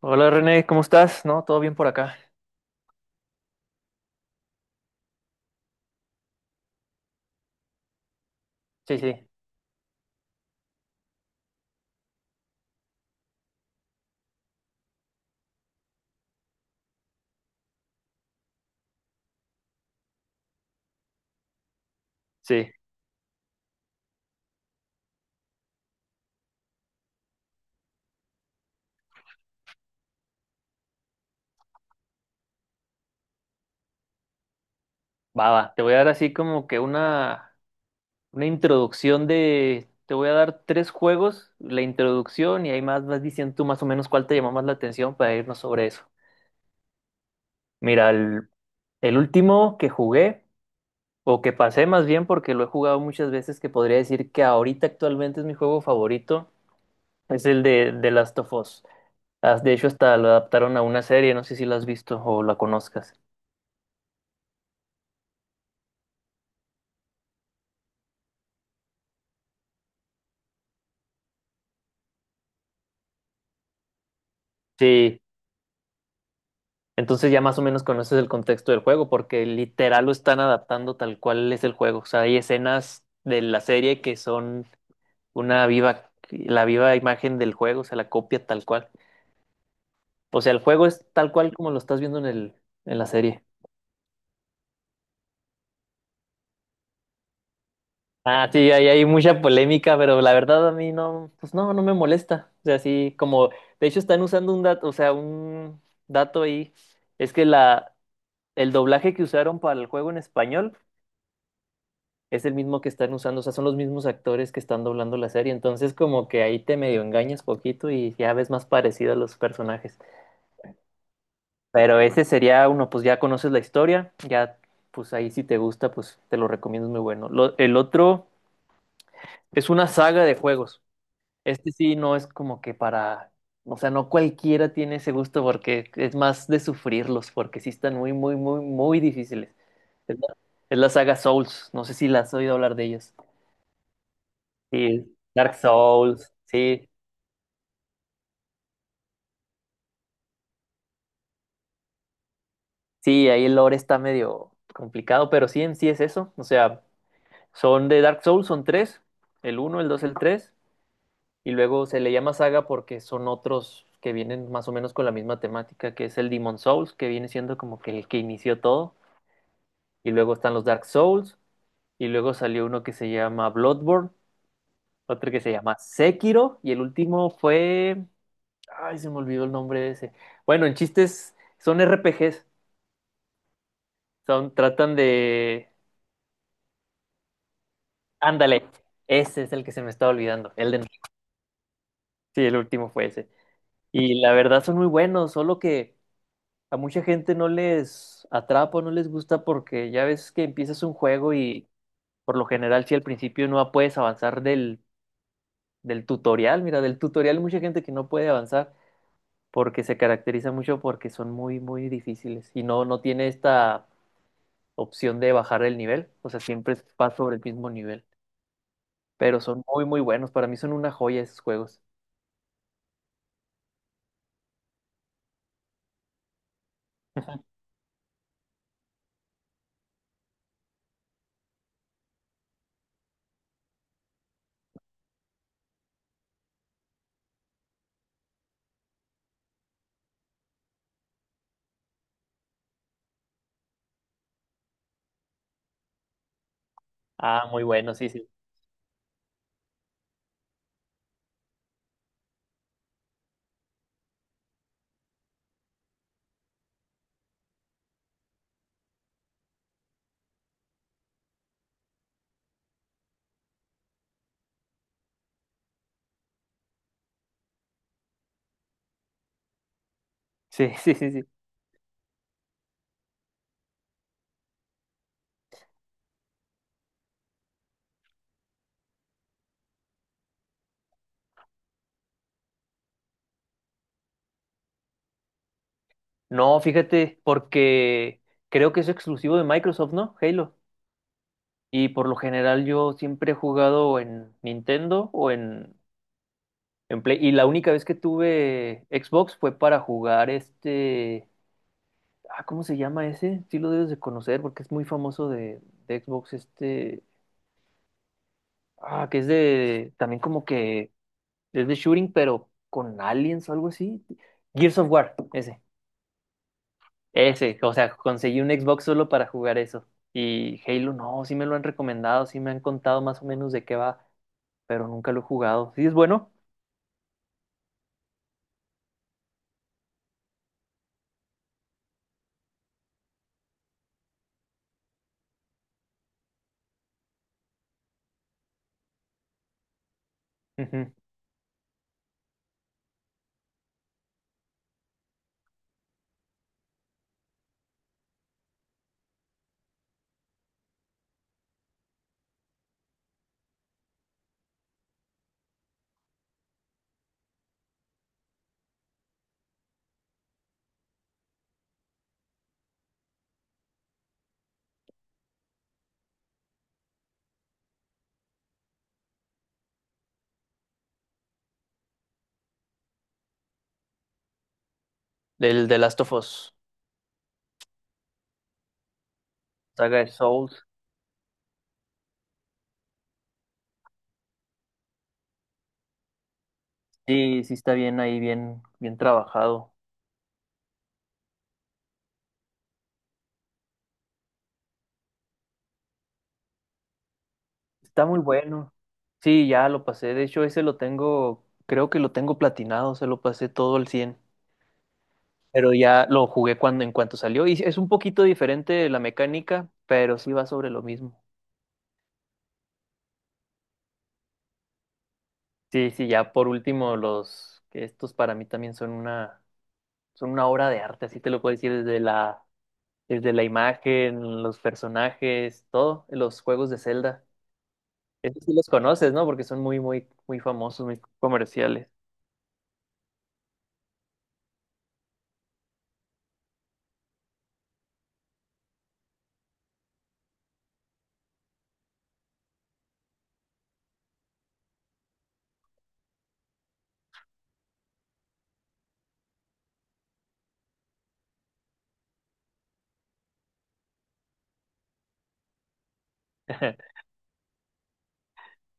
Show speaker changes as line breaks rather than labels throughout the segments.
Hola René, ¿cómo estás? ¿No? ¿Todo bien por acá? Sí, sí, sí. Va, va. Te voy a dar así como que una introducción de... Te voy a dar tres juegos, la introducción y ahí más vas diciendo tú más o menos cuál te llamó más la atención para irnos sobre eso. Mira, el último que jugué, o que pasé más bien porque lo he jugado muchas veces, que podría decir que ahorita actualmente es mi juego favorito, es el de Last of Us. Ah, de hecho, hasta lo adaptaron a una serie, no sé si la has visto o la conozcas. Sí, entonces ya más o menos conoces el contexto del juego, porque literal lo están adaptando tal cual es el juego. O sea, hay escenas de la serie que son una viva, la viva imagen del juego, o sea, la copia tal cual. O sea, el juego es tal cual como lo estás viendo en el, en la serie. Ah, sí, ahí hay mucha polémica, pero la verdad a mí no, pues no, no me molesta. O sea, sí, como, de hecho están usando un dato, o sea, un dato ahí, es que la, el doblaje que usaron para el juego en español es el mismo que están usando, o sea, son los mismos actores que están doblando la serie, entonces como que ahí te medio engañas poquito y ya ves más parecido a los personajes. Pero ese sería uno, pues ya conoces la historia, ya pues ahí si te gusta, pues te lo recomiendo, es muy bueno. El otro es una saga de juegos. Este sí no es como que para, o sea, no cualquiera tiene ese gusto porque es más de sufrirlos, porque sí están muy, muy, muy, muy difíciles. Es la, es la saga Souls, no sé si la has oído hablar de ellas. Sí, Dark Souls, sí, sí, ahí el lore está medio complicado, pero sí en sí es eso, o sea, son de Dark Souls, son tres, el uno, el dos, el tres, y luego se le llama saga porque son otros que vienen más o menos con la misma temática, que es el Demon Souls, que viene siendo como que el que inició todo, y luego están los Dark Souls, y luego salió uno que se llama Bloodborne, otro que se llama Sekiro, y el último fue, ay, se me olvidó el nombre de ese, bueno, en chistes son RPGs. Son, tratan de... Ándale, ese es el que se me estaba olvidando. El de... Sí, el último fue ese. Y la verdad son muy buenos, solo que a mucha gente no les atrapa, no les gusta porque ya ves que empiezas un juego y por lo general si al principio no puedes avanzar del, tutorial, mira, del tutorial hay mucha gente que no puede avanzar porque se caracteriza mucho porque son muy, muy difíciles y no, no tiene esta opción de bajar el nivel, o sea, siempre vas sobre el mismo nivel. Pero son muy, muy buenos. Para mí son una joya esos juegos. Ah, muy buenos, sí, sí. Sí, sí, sí, sí. No, fíjate, porque creo que es exclusivo de Microsoft, ¿no? Halo. Y por lo general yo siempre he jugado en Nintendo o en, Play. Y la única vez que tuve Xbox fue para jugar este... Ah, ¿cómo se llama ese? Sí lo debes de conocer porque es muy famoso de Xbox este... Ah, que es de... También como que es de shooting, pero con aliens o algo así. Gears of War, ese. Ese, o sea, conseguí un Xbox solo para jugar eso. Y Halo, no, sí me lo han recomendado, sí me han contado más o menos de qué va, pero nunca lo he jugado. Sí, es bueno. Ujú. Del The Last of Us, saga de Souls. Sí, sí está bien ahí, bien, bien trabajado. Está muy bueno. Sí, ya lo pasé. De hecho, ese lo tengo, creo que lo tengo platinado, se lo pasé todo al 100. Pero ya lo jugué cuando en cuanto salió y es un poquito diferente la mecánica, pero sí va sobre lo mismo. Sí, sí, ya por último los que estos para mí también son una obra de arte, así te lo puedo decir desde la imagen, los personajes, todo, los juegos de Zelda. Estos sí los conoces, ¿no? Porque son muy muy muy famosos, muy comerciales.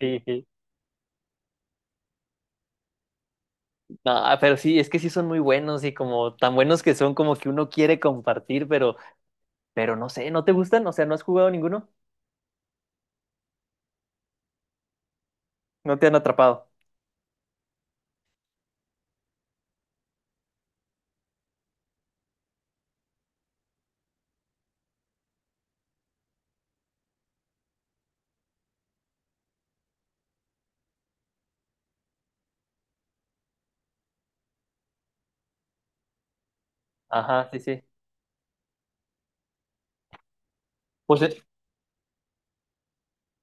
Sí, sí. No, pero sí, es que sí son muy buenos y como tan buenos que son como que uno quiere compartir, pero no sé, ¿no te gustan? O sea, ¿no has jugado ninguno? No te han atrapado. Ajá, sí, sí. Pues,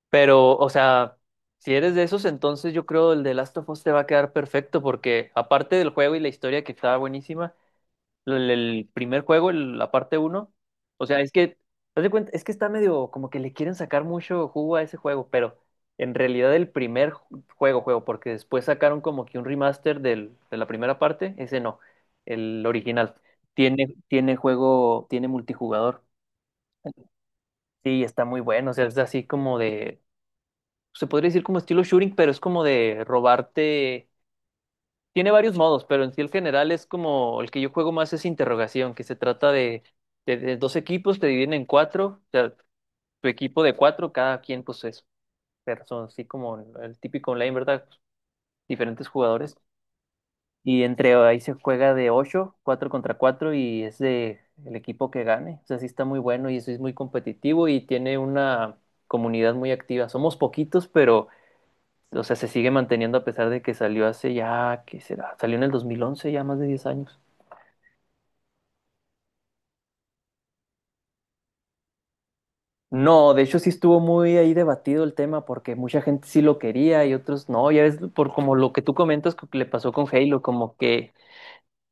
pero, o sea, si eres de esos, entonces yo creo el de Last of Us te va a quedar perfecto, porque aparte del juego y la historia que estaba buenísima, el primer juego, la parte uno, o sea, es que, haz de cuenta, es que está medio como que le quieren sacar mucho jugo a ese juego, pero en realidad el primer juego, juego, porque después sacaron como que un remaster del, de la primera parte, ese no, el original. Tiene, tiene juego, tiene multijugador. Sí, está muy bueno. O sea, es así como de. Se podría decir como estilo shooting, pero es como de robarte. Tiene varios modos, pero en sí el general es como el que yo juego más es interrogación, que se trata de, de dos equipos, te dividen en cuatro. O sea, tu equipo de cuatro, cada quien, pues es. Pero son así como el típico online, ¿verdad? Diferentes jugadores. Y entre ahí se juega de 8 4 contra 4 y es de el equipo que gane. O sea, sí está muy bueno y eso es muy competitivo y tiene una comunidad muy activa. Somos poquitos, pero o sea, se sigue manteniendo a pesar de que salió hace ya, ¿qué será? Salió en el 2011 ya más de 10 años. No, de hecho sí estuvo muy ahí debatido el tema porque mucha gente sí lo quería y otros no. Ya ves, por como lo que tú comentas que le pasó con Halo, como que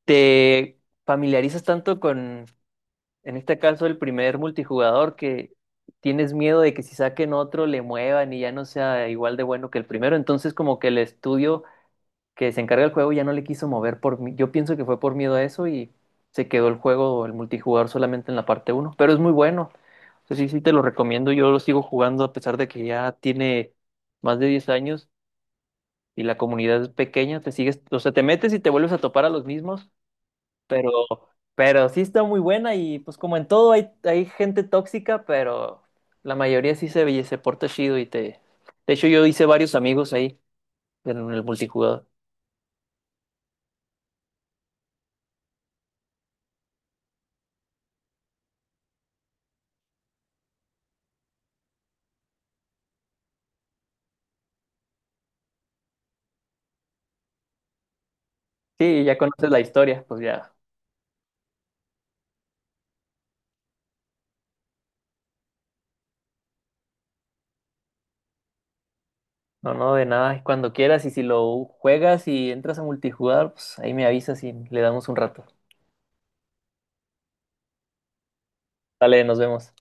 te familiarizas tanto con en este caso, el primer multijugador que tienes miedo de que si saquen otro le muevan y ya no sea igual de bueno que el primero. Entonces, como que el estudio que se encarga del juego ya no le quiso mover por yo pienso que fue por miedo a eso y se quedó el juego, el multijugador solamente en la parte uno. Pero es muy bueno. O sea, sí, sí te lo recomiendo. Yo lo sigo jugando a pesar de que ya tiene más de 10 años y la comunidad es pequeña. Te sigues, o sea, te metes y te vuelves a topar a los mismos pero, pero sí está muy buena y pues como en todo hay gente tóxica, pero la mayoría sí se porta chido y te... De hecho, yo hice varios amigos ahí en el multijugador. Sí, ya conoces la historia, pues ya. No, no, de nada. Y cuando quieras y si lo juegas y entras a multijugador, pues ahí me avisas y le damos un rato. Dale, nos vemos.